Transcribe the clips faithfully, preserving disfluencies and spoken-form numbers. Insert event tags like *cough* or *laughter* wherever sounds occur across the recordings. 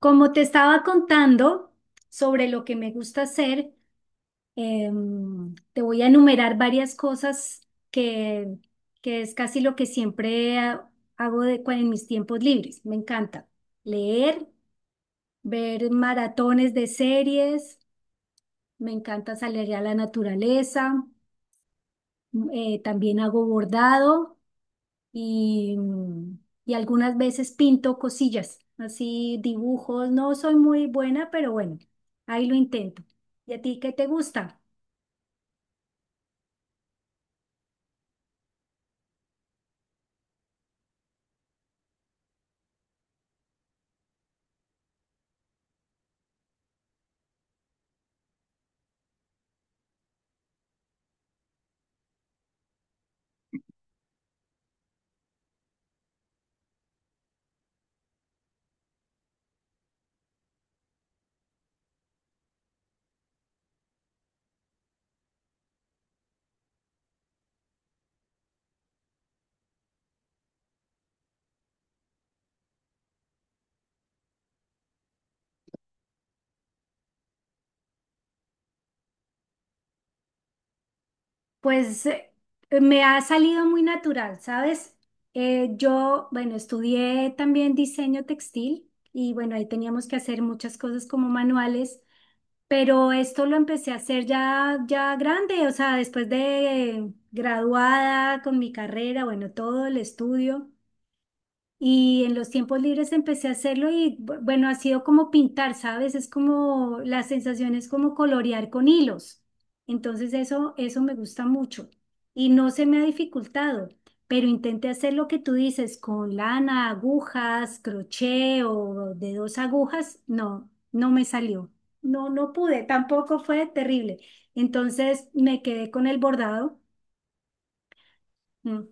Como te estaba contando sobre lo que me gusta hacer, em, te voy a enumerar varias cosas que, que es casi lo que siempre ha- hago de, cua- en mis tiempos libres. Me encanta leer, ver maratones de series, me encanta salir a la naturaleza, m- eh, también hago bordado. y, mm, y algunas veces pinto cosillas, así dibujos. No soy muy buena, pero bueno, ahí lo intento. ¿Y a ti qué te gusta? Pues eh, me ha salido muy natural, ¿sabes? Eh, yo, bueno, estudié también diseño textil y bueno, ahí teníamos que hacer muchas cosas como manuales. Pero esto lo empecé a hacer ya, ya grande, o sea, después de graduada con mi carrera, bueno, todo el estudio. Y en los tiempos libres empecé a hacerlo y bu- bueno, ha sido como pintar, ¿sabes? Es como la sensación es como colorear con hilos. Entonces eso, eso me gusta mucho y no se me ha dificultado, pero intenté hacer lo que tú dices con lana, agujas, crochet o de dos agujas. No, no me salió. No, no pude, tampoco fue terrible. Entonces me quedé con el bordado. Mm.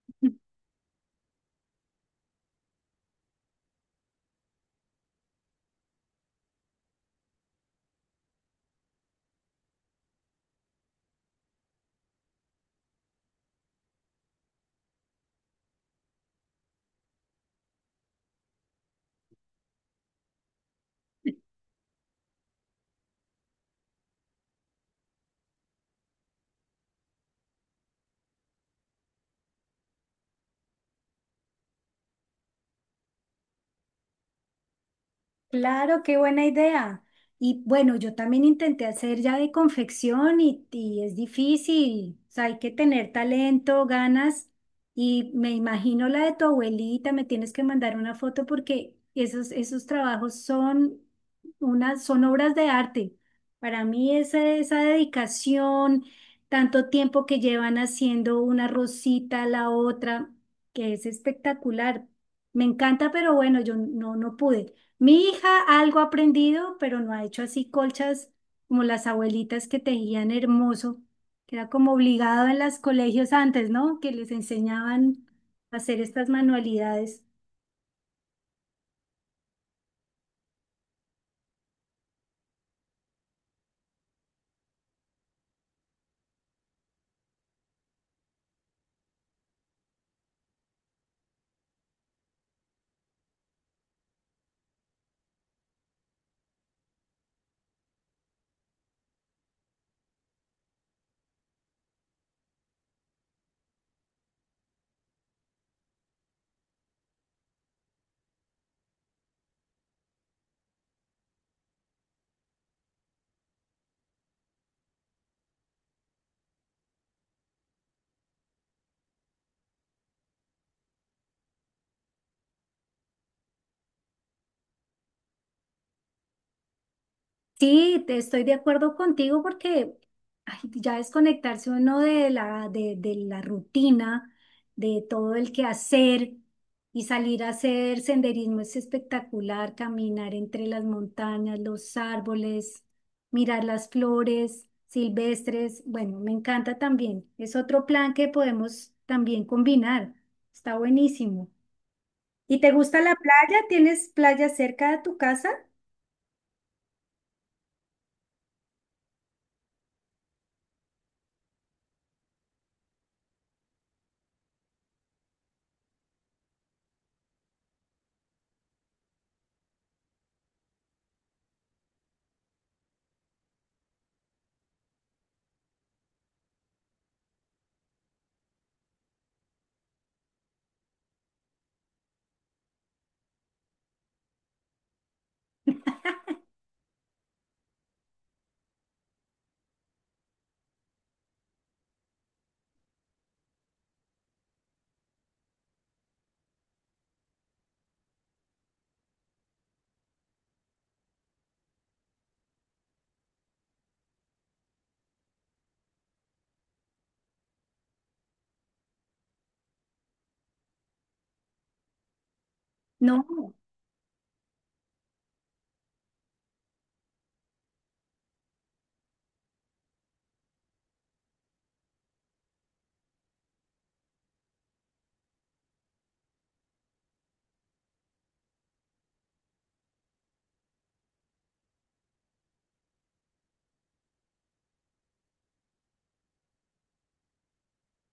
*laughs* Claro, qué buena idea. Y bueno, yo también intenté hacer ya de confección y, y es difícil. O sea, hay que tener talento, ganas. Y me imagino la de tu abuelita, me tienes que mandar una foto porque esos, esos trabajos son unas, son obras de arte. Para mí esa, esa dedicación, tanto tiempo que llevan haciendo una rosita a la otra, que es espectacular. Me encanta, pero bueno, yo no, no pude. Mi hija algo ha aprendido, pero no ha hecho así colchas como las abuelitas que tejían hermoso, que era como obligado en los colegios antes, ¿no? Que les enseñaban a hacer estas manualidades. Sí, te estoy de acuerdo contigo porque ay, ya desconectarse uno de la, de, de la rutina, de todo el quehacer y salir a hacer senderismo es espectacular, caminar entre las montañas, los árboles, mirar las flores silvestres. Bueno, me encanta también. Es otro plan que podemos también combinar. Está buenísimo. ¿Y te gusta la playa? ¿Tienes playa cerca de tu casa? No.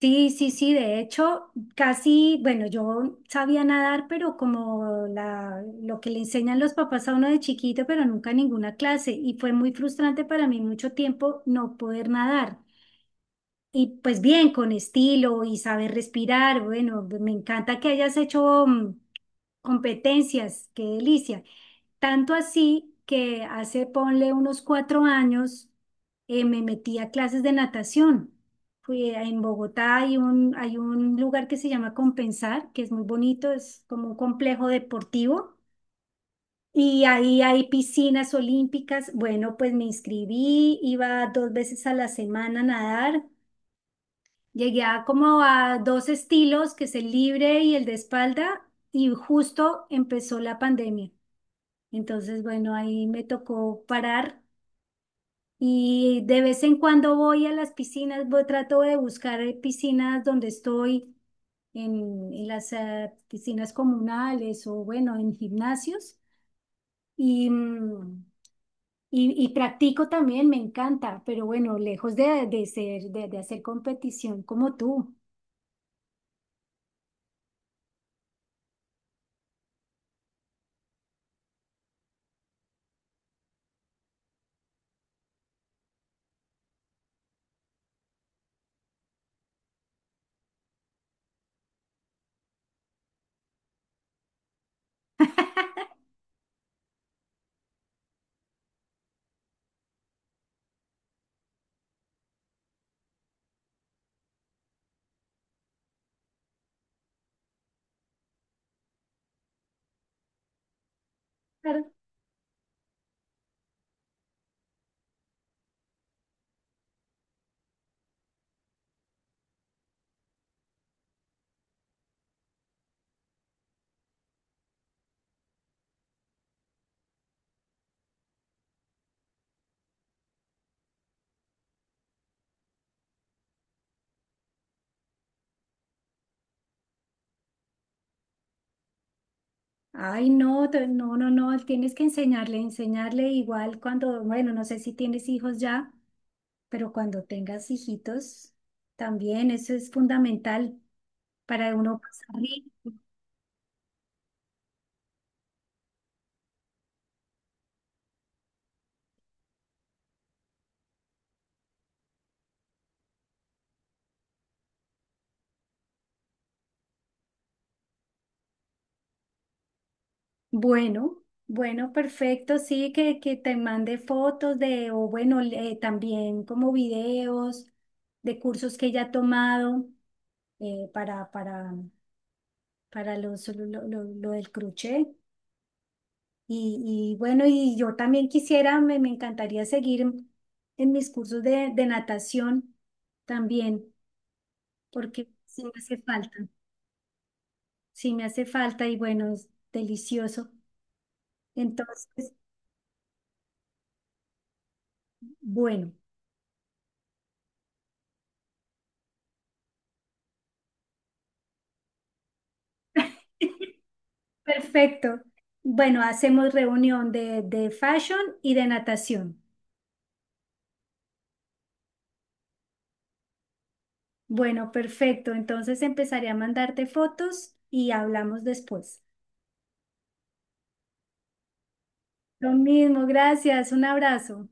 Sí, sí, sí, de hecho, casi, bueno, yo sabía nadar, pero como la, lo que le enseñan los papás a uno de chiquito, pero nunca ninguna clase, y fue muy frustrante para mí mucho tiempo no poder nadar. Y pues bien, con estilo y saber respirar, bueno, me encanta que hayas hecho mm, competencias, qué delicia. Tanto así que hace, ponle unos cuatro años, eh, me metí a clases de natación. Fui a- en Bogotá, hay un, hay un lugar que se llama Compensar, que es muy bonito, es como un complejo deportivo. Y ahí hay piscinas olímpicas. Bueno, pues me inscribí, iba dos veces a la semana a nadar. Llegué a como a dos estilos, que es el libre y el de espalda, y justo empezó la pandemia. Entonces, bueno, ahí me tocó parar y de vez en cuando voy a las piscinas, voy- trato de buscar eh, piscinas donde estoy, en, en las eh, piscinas comunales o bueno, en gimnasios y, mm, y, y practico también, me encanta, pero bueno, lejos de, de ser, de, de hacer competición como tú. Claro. Ay, no, te- no, no, no, tienes que enseñarle, enseñarle igual cuando, bueno, no sé si tienes hijos ya, pero cuando tengas hijitos, también eso es fundamental para uno pasar bien. Bueno, bueno, perfecto, sí, que, que te mande fotos de, o bueno, le- también como videos de cursos que ella ha tomado eh, para, para, para los, lo, lo- lo- lo del crochet. Y, y bueno, y yo también quisiera, me, me encantaría seguir en mis cursos de, de natación también, porque sí me hace falta. Sí, me hace falta y bueno, es delicioso. Entonces, bueno, *laughs* perfecto. Bueno, hacemos reunión de, de fashion y de natación. Bueno, perfecto. Entonces empezaré a mandarte fotos y hablamos después. Lo mismo, gracias. Un abrazo.